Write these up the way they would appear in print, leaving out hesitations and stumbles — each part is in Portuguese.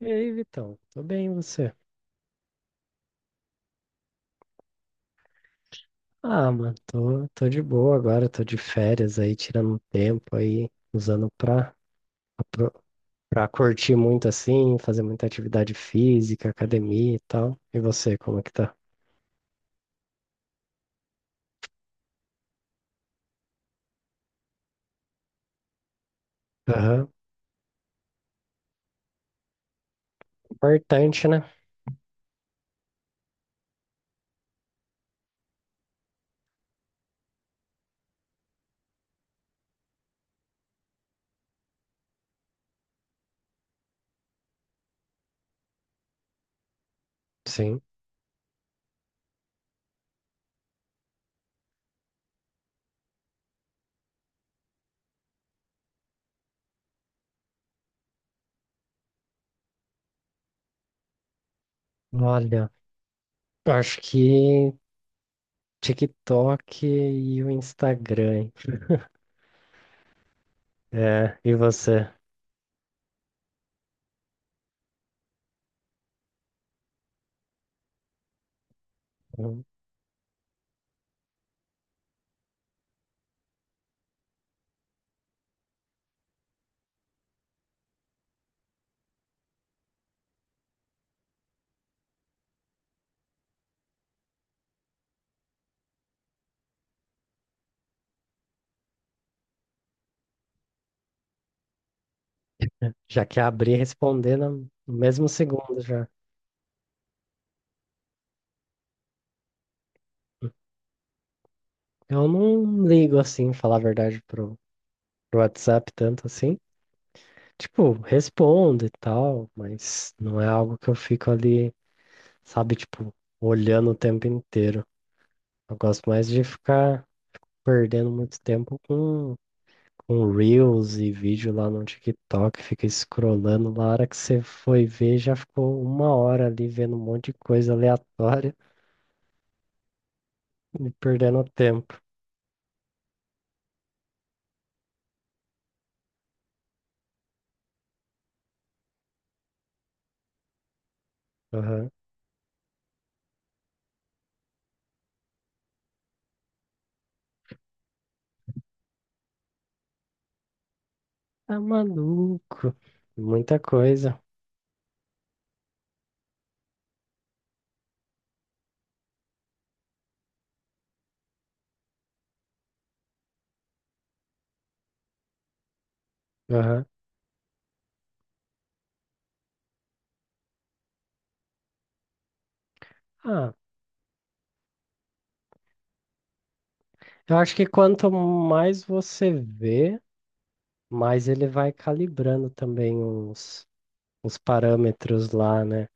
E aí, Vitão? Tô bem, e você? Ah, mano, tô de boa agora, tô de férias aí, tirando um tempo aí, usando pra, pra, pra curtir muito assim, fazer muita atividade física, academia e tal. E você, como é que tá? Aham. Importante, né? Sim. Olha, eu acho que TikTok e o Instagram, hein? É, e você? Hum. Já que abri e responder no mesmo segundo já. Eu não ligo assim, falar a verdade, pro WhatsApp tanto assim. Tipo, respondo e tal, mas não é algo que eu fico ali, sabe, tipo, olhando o tempo inteiro. Eu gosto mais de ficar perdendo muito tempo com Reels e vídeo lá no TikTok, fica scrollando lá, a hora que você foi ver, já ficou uma hora ali vendo um monte de coisa aleatória e perdendo tempo. Aham. Tá maluco. Muita coisa. Aham. Ah, eu acho que quanto mais você vê, mas ele vai calibrando também uns parâmetros lá, né?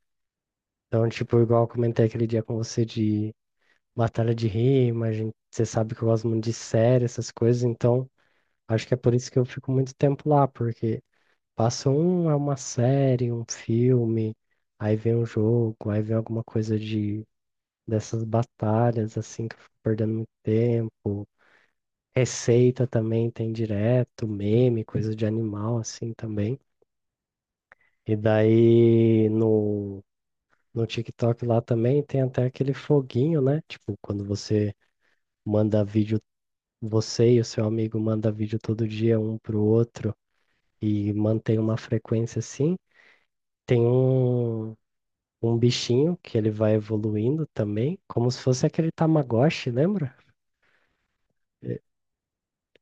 Então, tipo, igual eu comentei aquele dia com você de batalha de rima, a gente, você sabe que eu gosto muito de série, essas coisas, então acho que é por isso que eu fico muito tempo lá, porque passa um, é uma série, um filme, aí vem um jogo, aí vem alguma coisa de dessas batalhas, assim, que eu fico perdendo muito tempo. Receita também tem direto, meme, coisa de animal, assim, também. E daí no TikTok lá também tem até aquele foguinho, né? Tipo, quando você manda vídeo, você e o seu amigo manda vídeo todo dia um pro outro e mantém uma frequência assim, tem um bichinho que ele vai evoluindo também, como se fosse aquele Tamagotchi, lembra?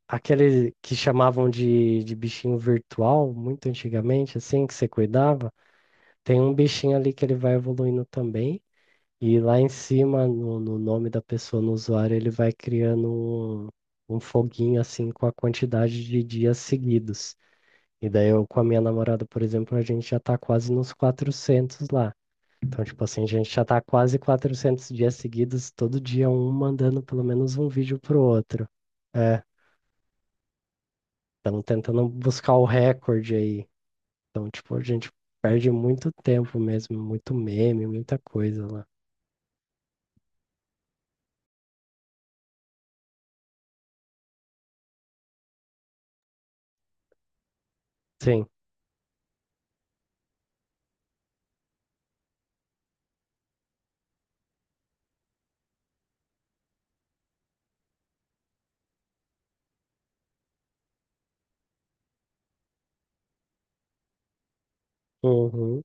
Aquele que chamavam de bichinho virtual, muito antigamente, assim, que você cuidava. Tem um bichinho ali que ele vai evoluindo também. E lá em cima, no nome da pessoa, no usuário, ele vai criando um foguinho assim com a quantidade de dias seguidos. E daí eu com a minha namorada, por exemplo, a gente já tá quase nos 400 lá. Então, tipo assim, a gente já tá quase 400 dias seguidos, todo dia um mandando pelo menos um vídeo pro outro. É, estamos tentando buscar o recorde aí. Então, tipo, a gente perde muito tempo mesmo, muito meme, muita coisa lá. Sim. Uhum.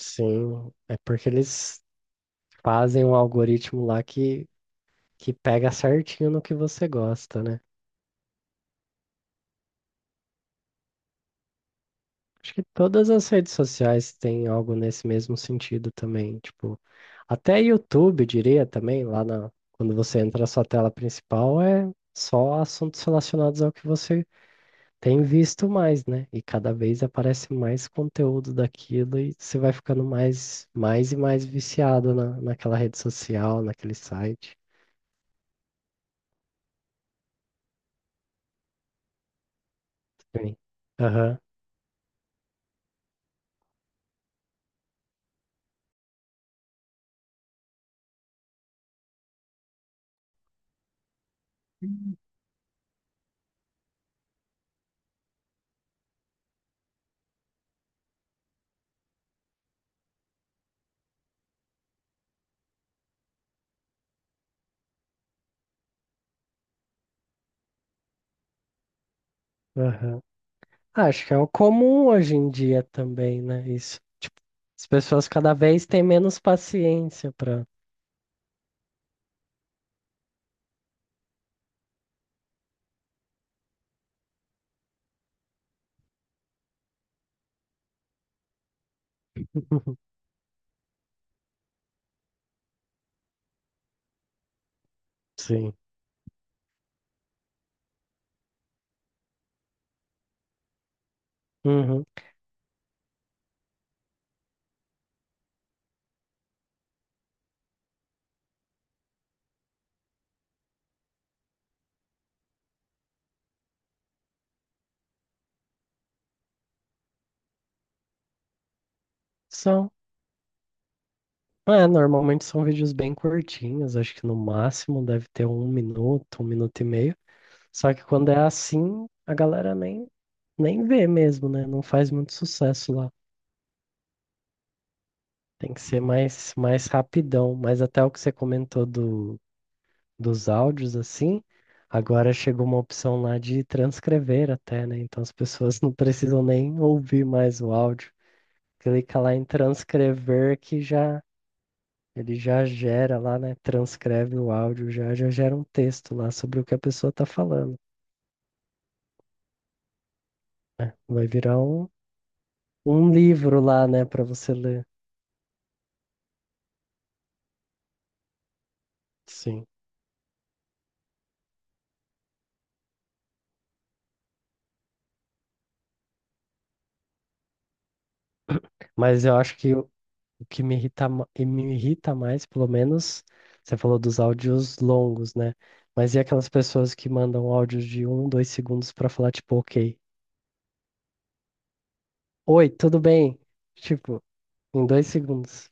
Sim, é porque eles fazem um algoritmo lá que pega certinho no que você gosta, né? Acho que todas as redes sociais têm algo nesse mesmo sentido também. Tipo, até YouTube, diria também, lá na, quando você entra na sua tela principal, é só assuntos relacionados ao que você tem visto mais, né? E cada vez aparece mais conteúdo daquilo e você vai ficando mais e mais viciado naquela rede social, naquele site. Sim. Aham. Aham. Ah, acho que é o comum hoje em dia também, né? Isso. Tipo, as pessoas cada vez têm menos paciência para. Sim. Uhum. São. É, normalmente são vídeos bem curtinhos, acho que no máximo deve ter um minuto e meio. Só que quando é assim, a galera nem vê mesmo, né? Não faz muito sucesso lá. Tem que ser mais rapidão. Mas até o que você comentou dos áudios assim, agora chegou uma opção lá de transcrever até, né? Então as pessoas não precisam nem ouvir mais o áudio. Clica lá em transcrever que já ele já gera lá, né? Transcreve o áudio, já gera um texto lá sobre o que a pessoa tá falando, né? Vai virar um, um livro lá, né, para você ler. Sim. Mas eu acho que o que me irrita, e me irrita mais, pelo menos, você falou dos áudios longos, né? Mas e aquelas pessoas que mandam áudios de um, dois segundos pra falar, tipo, ok, oi, tudo bem? Tipo, em dois segundos.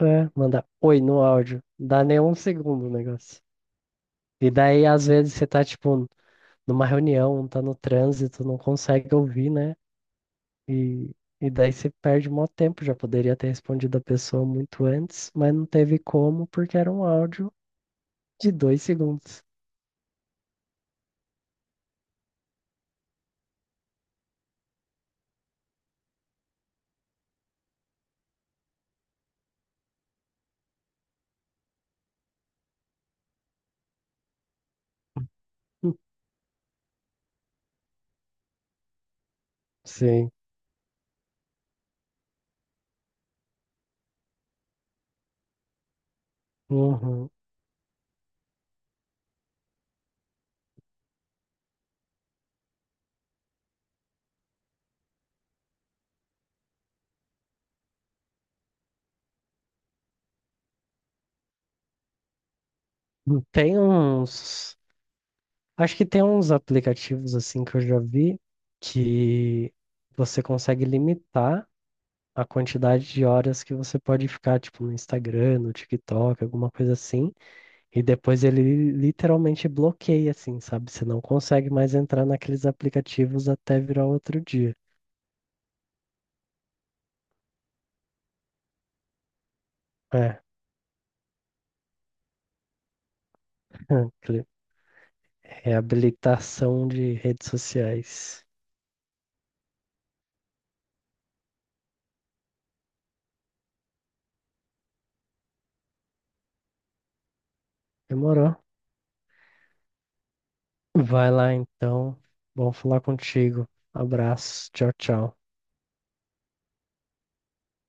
É, manda oi no áudio. Dá nem um segundo o negócio. E daí, às vezes, você tá, tipo, numa reunião, tá no trânsito, não consegue ouvir, né? E, e daí você perde mó tempo. Já poderia ter respondido a pessoa muito antes, mas não teve como, porque era um áudio de dois segundos. Hum. Sim. Uhum. Hum. Tem uns. Acho que tem uns aplicativos assim que eu já vi que você consegue limitar a quantidade de horas que você pode ficar, tipo, no Instagram, no TikTok, alguma coisa assim. E depois ele literalmente bloqueia, assim, sabe? Você não consegue mais entrar naqueles aplicativos até virar outro dia. É. Aquele reabilitação de redes sociais. Demorou. Vai lá então. Bom falar contigo. Abraço. Tchau, tchau.